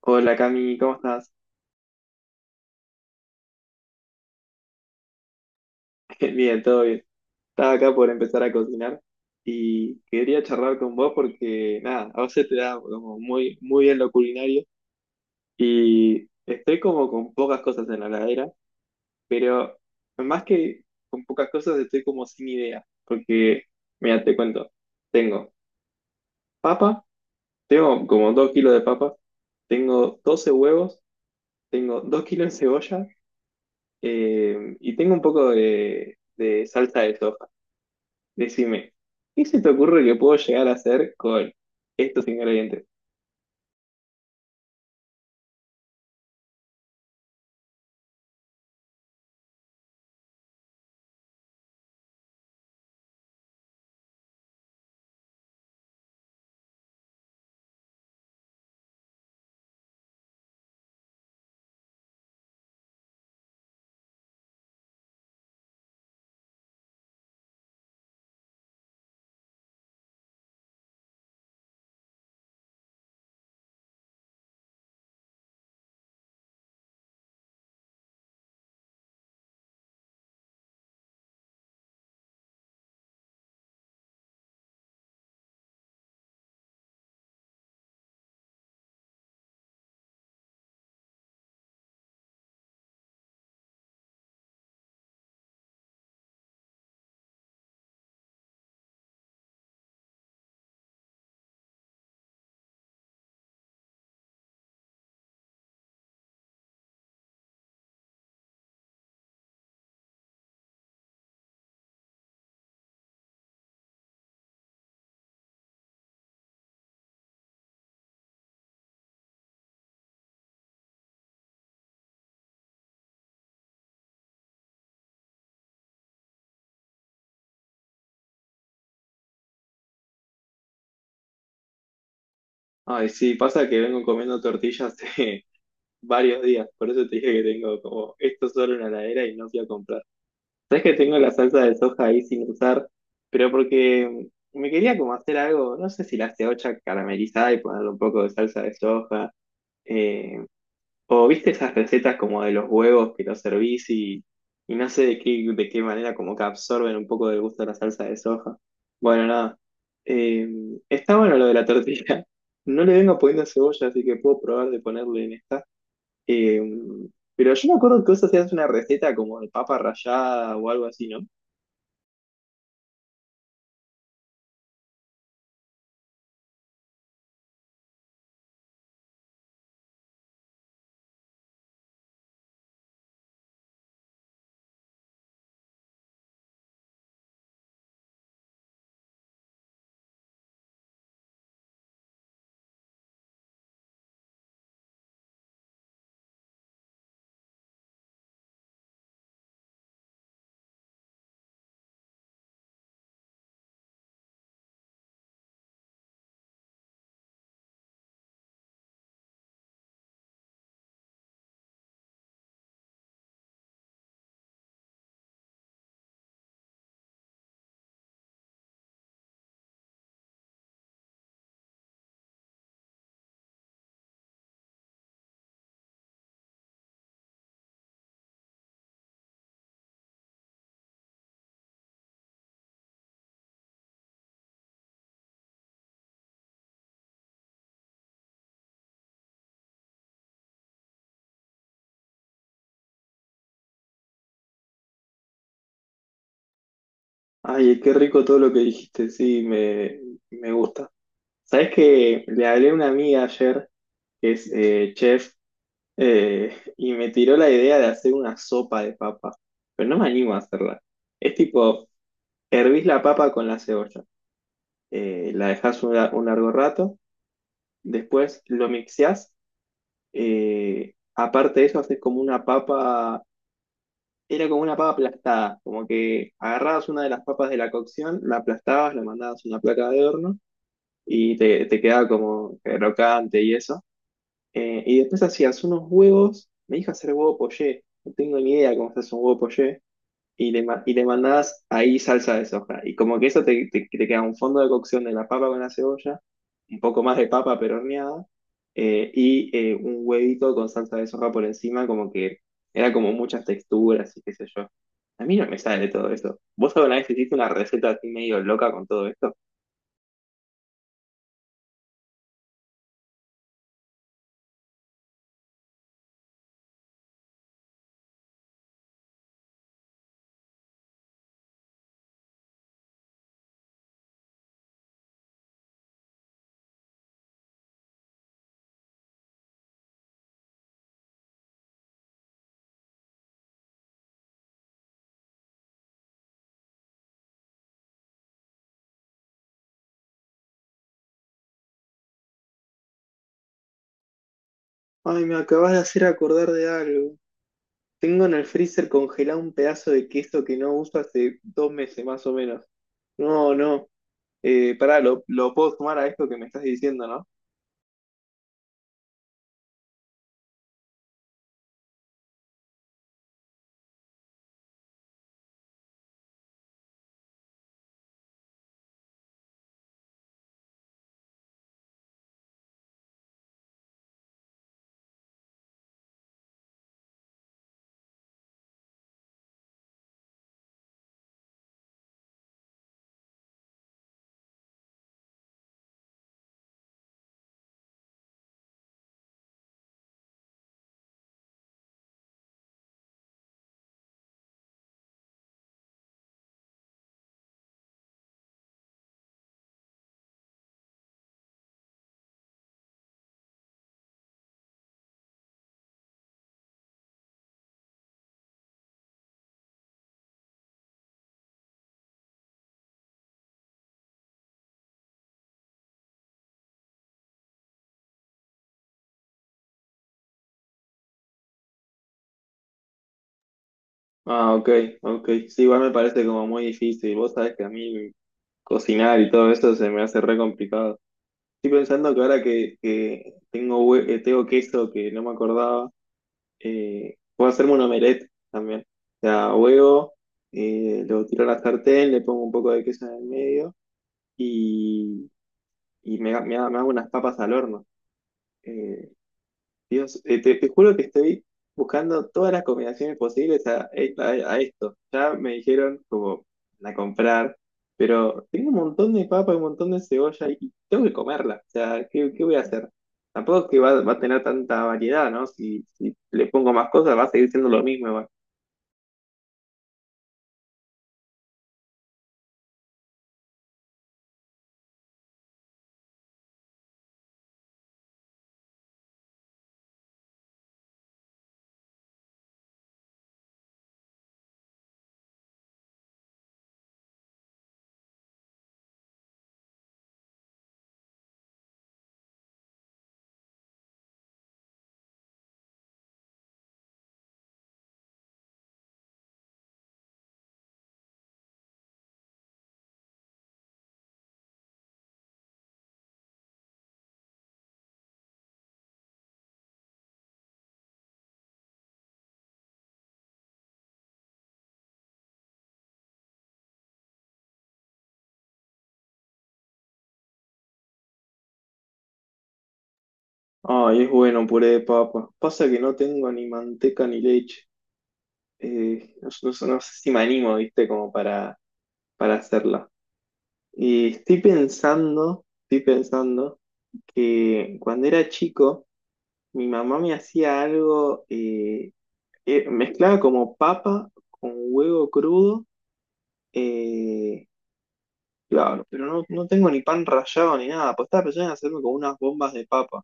Hola, Cami, ¿cómo estás? Bien, todo bien. Estaba acá por empezar a cocinar y quería charlar con vos porque, nada, a vos se te da como muy bien lo culinario y estoy como con pocas cosas en la heladera, pero más que con pocas cosas estoy como sin idea, porque, mira, te cuento, tengo papa, tengo como 2 kilos de papa, tengo 12 huevos, tengo 2 kilos de cebolla y tengo un poco de salsa de soja. Decime, ¿qué se te ocurre que puedo llegar a hacer con estos ingredientes? Ay, sí, pasa que vengo comiendo tortillas hace varios días, por eso te dije que tengo como esto solo en la heladera y no fui a comprar. Sabes que tengo la salsa de soja ahí sin usar, pero porque me quería como hacer algo, no sé si la ceocha caramelizada y ponerle un poco de salsa de soja, eh, o viste esas recetas como de los huevos que los servís y no sé de qué manera como que absorben un poco del gusto de la salsa de soja. Bueno, nada. Eh, Está bueno lo de la tortilla. No le vengo poniendo cebolla, así que puedo probar de ponerle en esta. Eh, pero yo me acuerdo que vos hacías una receta como de papa rallada o algo así, ¿no? Ay, qué rico todo lo que dijiste, sí, me gusta. Sabes que le hablé a una amiga ayer, que es chef. Y me tiró la idea de hacer una sopa de papa, pero no me animo a hacerla. Es tipo, hervís la papa con la cebolla, la un largo rato, después lo mixeás, aparte de eso haces como era como una papa aplastada, como que agarrabas una de las papas de la cocción, la aplastabas, la mandabas a una placa de horno y te quedaba como crocante y eso. Y después hacías unos huevos, me dijo hacer huevo poché. No tengo ni idea cómo se hace un huevo poché, y y le mandabas ahí salsa de soja. Y como que te queda un fondo de cocción de la papa con la cebolla, un poco más de papa pero horneada, un huevito con salsa de soja por encima, como que era como muchas texturas y qué sé yo. A mí no me sale todo eso. ¿Vos alguna vez hiciste una receta así medio loca con todo esto? Ay, me acabas de hacer acordar de algo. Tengo en el freezer congelado un pedazo de queso que no uso hace 2 meses más o menos. No, no. Pará, lo puedo sumar a esto que me estás diciendo, ¿no? Ah, ok, ok. Sí, igual me parece como muy difícil. Vos sabés que a mí cocinar y todo eso se me hace re complicado. Estoy pensando que ahora que tengo, tengo queso que no me acordaba, puedo hacerme un omelette también. O sea, huevo, lo tiro a la sartén, le pongo un poco de queso en el medio y me hago unas papas al horno. Eh, te juro que estoy buscando todas las combinaciones posibles a- a esto. Ya me dijeron como la comprar, pero tengo un montón de papa y un montón de cebolla y tengo que comerla. O sea, ¿qué, qué voy a hacer? Tampoco es que va a tener tanta variedad, ¿no? Si le pongo más cosas va a seguir siendo lo mismo igual. Ay, es bueno un puré de papa. Pasa que no tengo ni manteca ni leche. No sé si me animo, ¿viste? Como para hacerla. Y estoy pensando que cuando era chico, mi mamá me hacía algo, mezclaba como papa con huevo crudo. eh, claro, pero no tengo ni pan rallado ni nada, pues estaba pensando en hacerme como unas bombas de papa.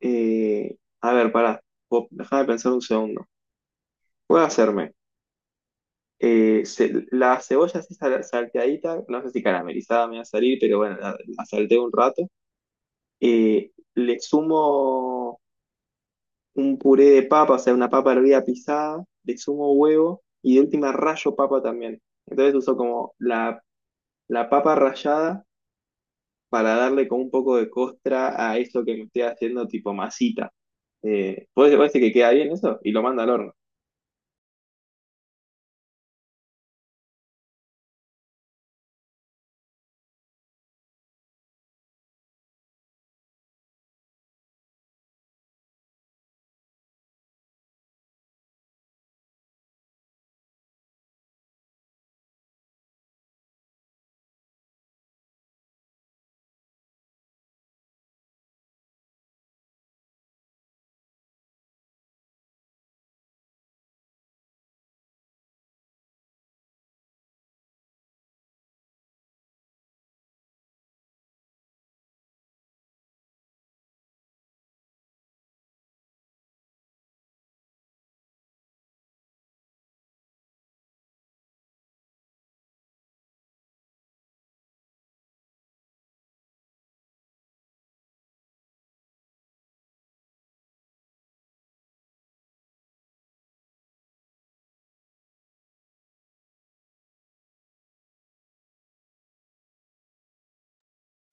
A ver, pará, déjame pensar un segundo. Voy a hacerme la cebolla así salteadita, no sé si caramelizada me va a salir, pero bueno, la salteé un rato. Le sumo un puré de papa, o sea, una papa hervida pisada, le sumo huevo y de última rayo papa también. Entonces uso como la papa rallada para darle como un poco de costra a eso que me estoy haciendo tipo masita. ¿ puede ser que queda bien eso? Y lo manda al horno.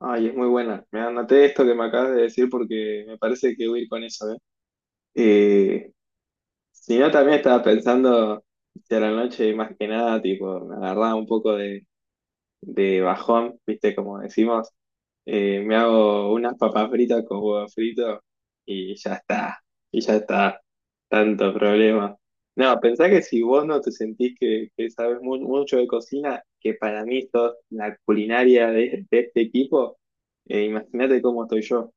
Ay, es muy buena. Me anoté esto que me acabas de decir porque me parece que voy a ir con eso, ¿eh? Eh, si no, también estaba pensando si a la noche, más que nada, tipo, me agarraba un poco de bajón, viste, como decimos, me hago unas papas fritas con huevo frito y ya está, y ya está, tanto problema. No, pensá que si vos no te sentís que sabes mucho de cocina, que para mí sos la culinaria de este equipo, imagínate cómo estoy yo.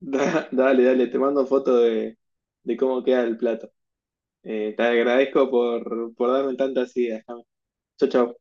Dale, dale, te mando foto de cómo queda el plato. Te agradezco por darme tantas ideas. Chao, chao.